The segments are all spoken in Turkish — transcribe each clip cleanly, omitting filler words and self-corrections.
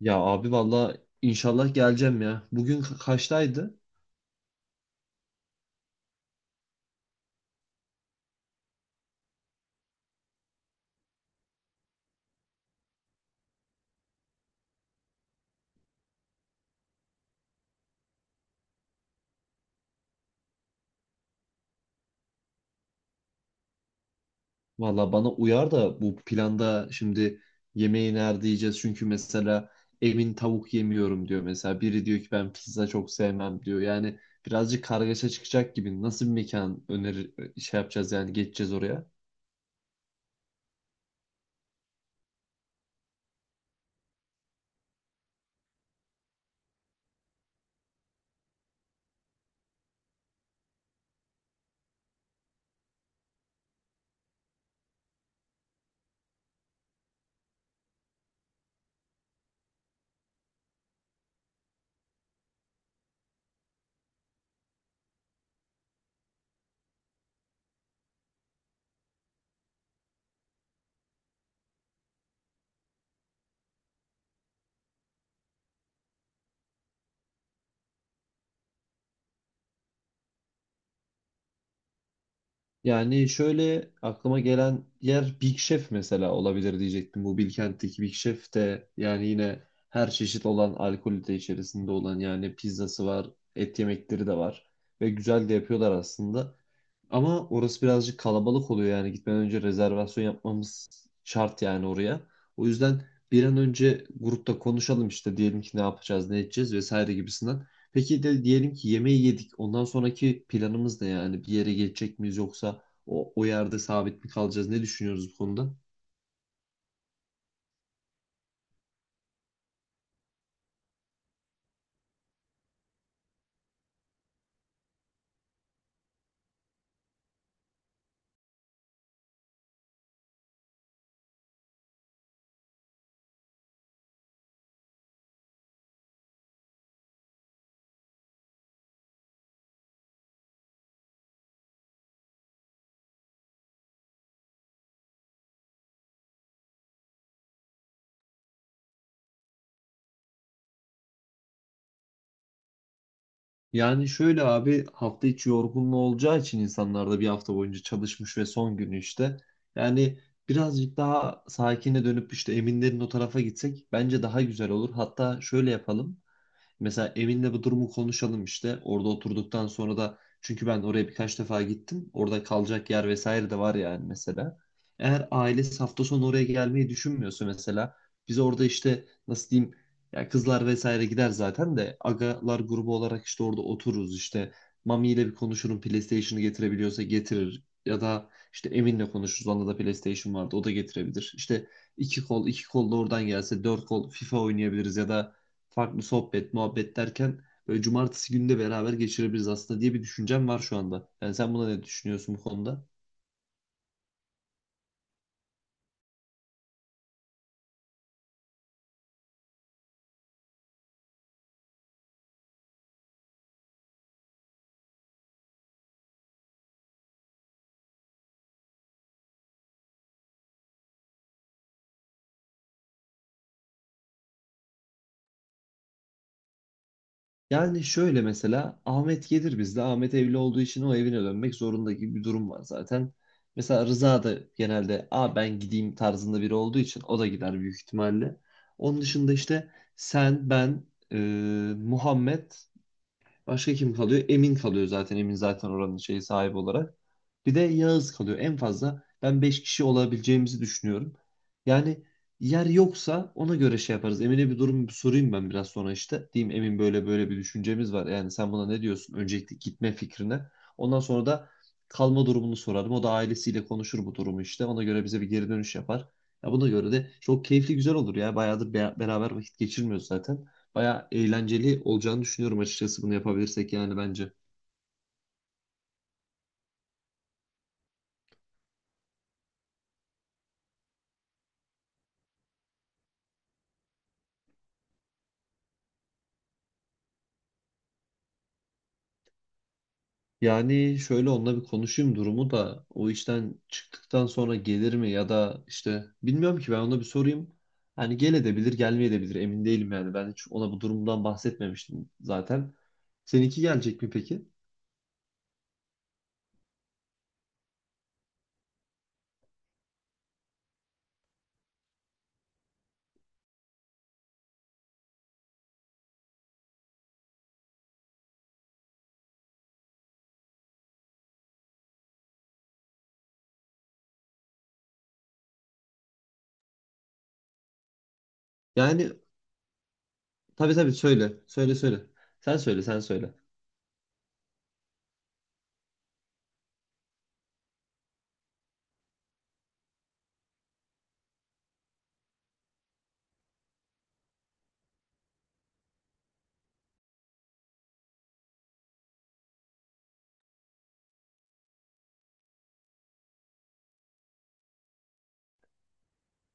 Ya abi valla inşallah geleceğim ya. Bugün kaçtaydı? Valla bana uyar da bu planda şimdi yemeği nerede yiyeceğiz? Çünkü mesela Emin tavuk yemiyorum diyor mesela. Biri diyor ki ben pizza çok sevmem diyor. Yani birazcık kargaşa çıkacak gibi. Nasıl bir mekan önerir şey yapacağız yani geçeceğiz oraya? Yani şöyle aklıma gelen yer Big Chef mesela olabilir diyecektim. Bu Bilkent'teki Big Chef de yani yine her çeşit olan alkolü de içerisinde olan yani pizzası var, et yemekleri de var ve güzel de yapıyorlar aslında. Ama orası birazcık kalabalık oluyor yani gitmeden önce rezervasyon yapmamız şart yani oraya. O yüzden bir an önce grupta konuşalım işte diyelim ki ne yapacağız, ne edeceğiz vesaire gibisinden. Peki de diyelim ki yemeği yedik. Ondan sonraki planımız ne yani? Bir yere geçecek miyiz yoksa o yerde sabit mi kalacağız? Ne düşünüyoruz bu konuda? Yani şöyle abi hafta içi yorgunluğu olacağı için insanlar da bir hafta boyunca çalışmış ve son günü işte. Yani birazcık daha sakine dönüp işte Eminlerin o tarafa gitsek bence daha güzel olur. Hatta şöyle yapalım. Mesela Emin'le bu durumu konuşalım işte. Orada oturduktan sonra da çünkü ben oraya birkaç defa gittim. Orada kalacak yer vesaire de var yani mesela. Eğer ailesi hafta sonu oraya gelmeyi düşünmüyorsa mesela biz orada işte nasıl diyeyim ya kızlar vesaire gider zaten de agalar grubu olarak işte orada otururuz işte Mami ile bir konuşurum PlayStation'ı getirebiliyorsa getirir ya da işte Emin'le konuşuruz onda da PlayStation vardı o da getirebilir. İşte iki kol iki kol da oradan gelse dört kol FIFA oynayabiliriz ya da farklı sohbet, muhabbet derken böyle cumartesi günü de beraber geçirebiliriz aslında diye bir düşüncem var şu anda. Yani sen buna ne düşünüyorsun bu konuda? Yani şöyle mesela Ahmet gelir bizde. Ahmet evli olduğu için o evine dönmek zorunda gibi bir durum var zaten. Mesela Rıza da genelde a ben gideyim tarzında biri olduğu için o da gider büyük ihtimalle. Onun dışında işte sen, ben, e, Muhammed başka kim kalıyor? Emin kalıyor zaten. Emin zaten oranın şeyi sahibi olarak. Bir de Yağız kalıyor. En fazla ben 5 kişi olabileceğimizi düşünüyorum. Yani yer yoksa ona göre şey yaparız. Emin'e bir durum bir sorayım ben biraz sonra işte. Diyeyim Emin böyle böyle bir düşüncemiz var. Yani sen buna ne diyorsun? Öncelikle gitme fikrine. Ondan sonra da kalma durumunu sorarım. O da ailesiyle konuşur bu durumu işte. Ona göre bize bir geri dönüş yapar. Ya buna göre de çok keyifli güzel olur ya. Bayağıdır beraber vakit geçirmiyoruz zaten. Bayağı eğlenceli olacağını düşünüyorum açıkçası bunu yapabilirsek yani bence. Yani şöyle onunla bir konuşayım durumu da o işten çıktıktan sonra gelir mi ya da işte bilmiyorum ki ben ona bir sorayım. Hani gel edebilir gelmeye edebilir emin değilim yani ben hiç ona bu durumdan bahsetmemiştim zaten. Seninki gelecek mi peki? Yani tabii tabii söyle söyle söyle sen söyle sen söyle.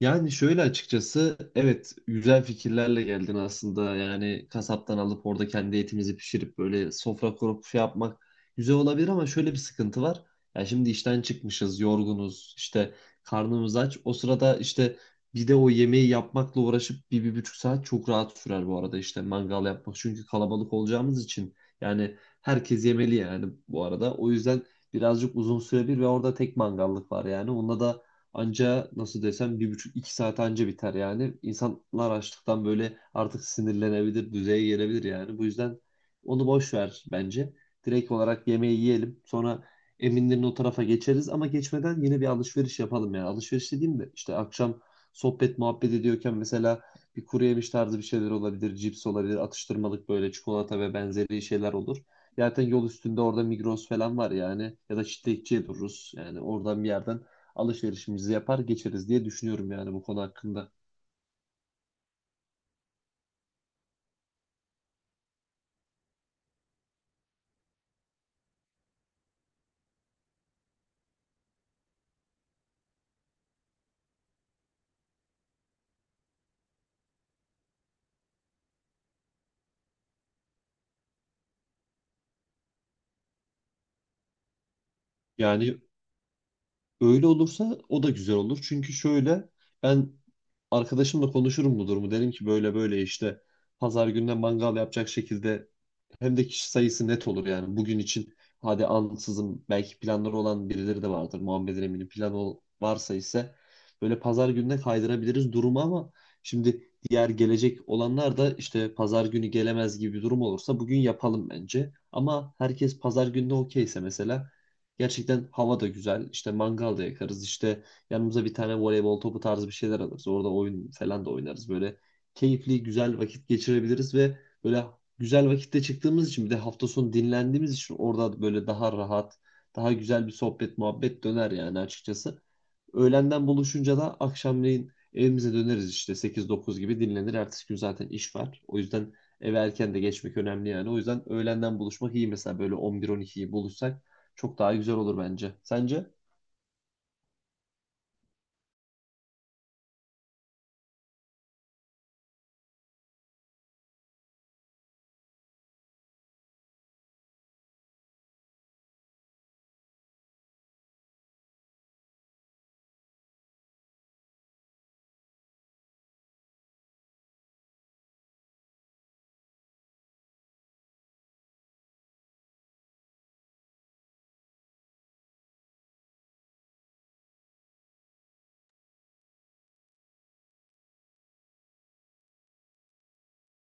Yani şöyle açıkçası evet güzel fikirlerle geldin aslında. Yani kasaptan alıp orada kendi etimizi pişirip böyle sofra kurup şey yapmak güzel olabilir ama şöyle bir sıkıntı var. Ya şimdi işten çıkmışız, yorgunuz, işte karnımız aç. O sırada işte bir de o yemeği yapmakla uğraşıp 1, 1,5 saat çok rahat sürer bu arada işte mangal yapmak. Çünkü kalabalık olacağımız için yani herkes yemeli yani bu arada. O yüzden birazcık uzun sürebilir ve orada tek mangallık var yani. Onda da anca nasıl desem 1,5 2 saat anca biter yani. İnsanlar açlıktan böyle artık sinirlenebilir, düzeye gelebilir yani. Bu yüzden onu boş ver bence. Direkt olarak yemeği yiyelim. Sonra Eminlerin o tarafa geçeriz ama geçmeden yine bir alışveriş yapalım yani. Alışveriş dediğim de işte akşam sohbet muhabbet ediyorken mesela bir kuru yemiş tarzı bir şeyler olabilir, cips olabilir, atıştırmalık böyle çikolata ve benzeri şeyler olur. Zaten yol üstünde orada Migros falan var yani ya da çitlekçiye dururuz. Yani oradan bir yerden alışverişimizi yapar geçeriz diye düşünüyorum yani bu konu hakkında. Yani öyle olursa o da güzel olur. Çünkü şöyle ben arkadaşımla konuşurum bu durumu. Derim ki böyle böyle işte pazar gününe mangal yapacak şekilde hem de kişi sayısı net olur yani. Bugün için hadi ansızın belki planları olan birileri de vardır. Muhammed'in eminim planı varsa ise böyle pazar gününe kaydırabiliriz durumu ama şimdi diğer gelecek olanlar da işte pazar günü gelemez gibi bir durum olursa bugün yapalım bence. Ama herkes pazar gününe okeyse mesela gerçekten hava da güzel. İşte mangal da yakarız. İşte yanımıza bir tane voleybol topu tarzı bir şeyler alırız. Orada oyun falan da oynarız. Böyle keyifli, güzel vakit geçirebiliriz ve böyle güzel vakitte çıktığımız için bir de hafta sonu dinlendiğimiz için orada böyle daha rahat, daha güzel bir sohbet, muhabbet döner yani açıkçası. Öğlenden buluşunca da akşamleyin evimize döneriz işte 8-9 gibi dinlenir. Ertesi gün zaten iş var. O yüzden eve erken de geçmek önemli yani. O yüzden öğlenden buluşmak iyi mesela böyle 11-12'yi buluşsak çok daha güzel olur bence. Sence?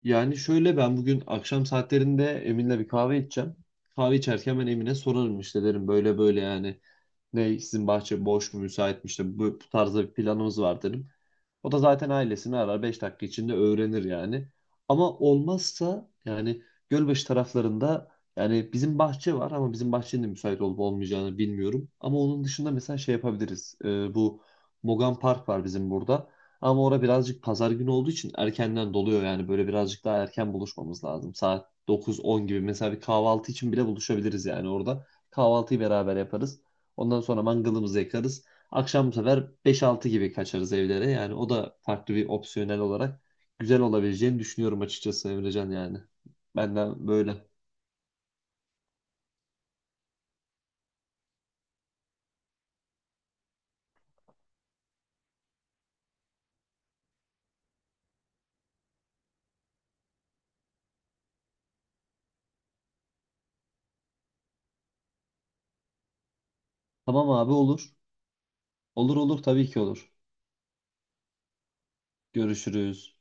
Yani şöyle ben bugün akşam saatlerinde Emin'le bir kahve içeceğim. Kahve içerken ben Emin'e sorarım işte derim böyle böyle yani ne sizin bahçe boş mu müsait mi işte bu tarzda bir planımız var dedim. O da zaten ailesini arar 5 dakika içinde öğrenir yani. Ama olmazsa yani Gölbaşı taraflarında yani bizim bahçe var ama bizim bahçenin de müsait olup olmayacağını bilmiyorum. Ama onun dışında mesela şey yapabiliriz. Bu Mogan Park var bizim burada. Ama orada birazcık pazar günü olduğu için erkenden doluyor yani böyle birazcık daha erken buluşmamız lazım. Saat 9-10 gibi mesela bir kahvaltı için bile buluşabiliriz yani orada. Kahvaltıyı beraber yaparız. Ondan sonra mangalımızı yakarız. Akşam bu sefer 5-6 gibi kaçarız evlere. Yani o da farklı bir opsiyonel olarak güzel olabileceğini düşünüyorum açıkçası Emrecan yani. Benden böyle. Tamam abi olur. Olur olur tabii ki olur. Görüşürüz.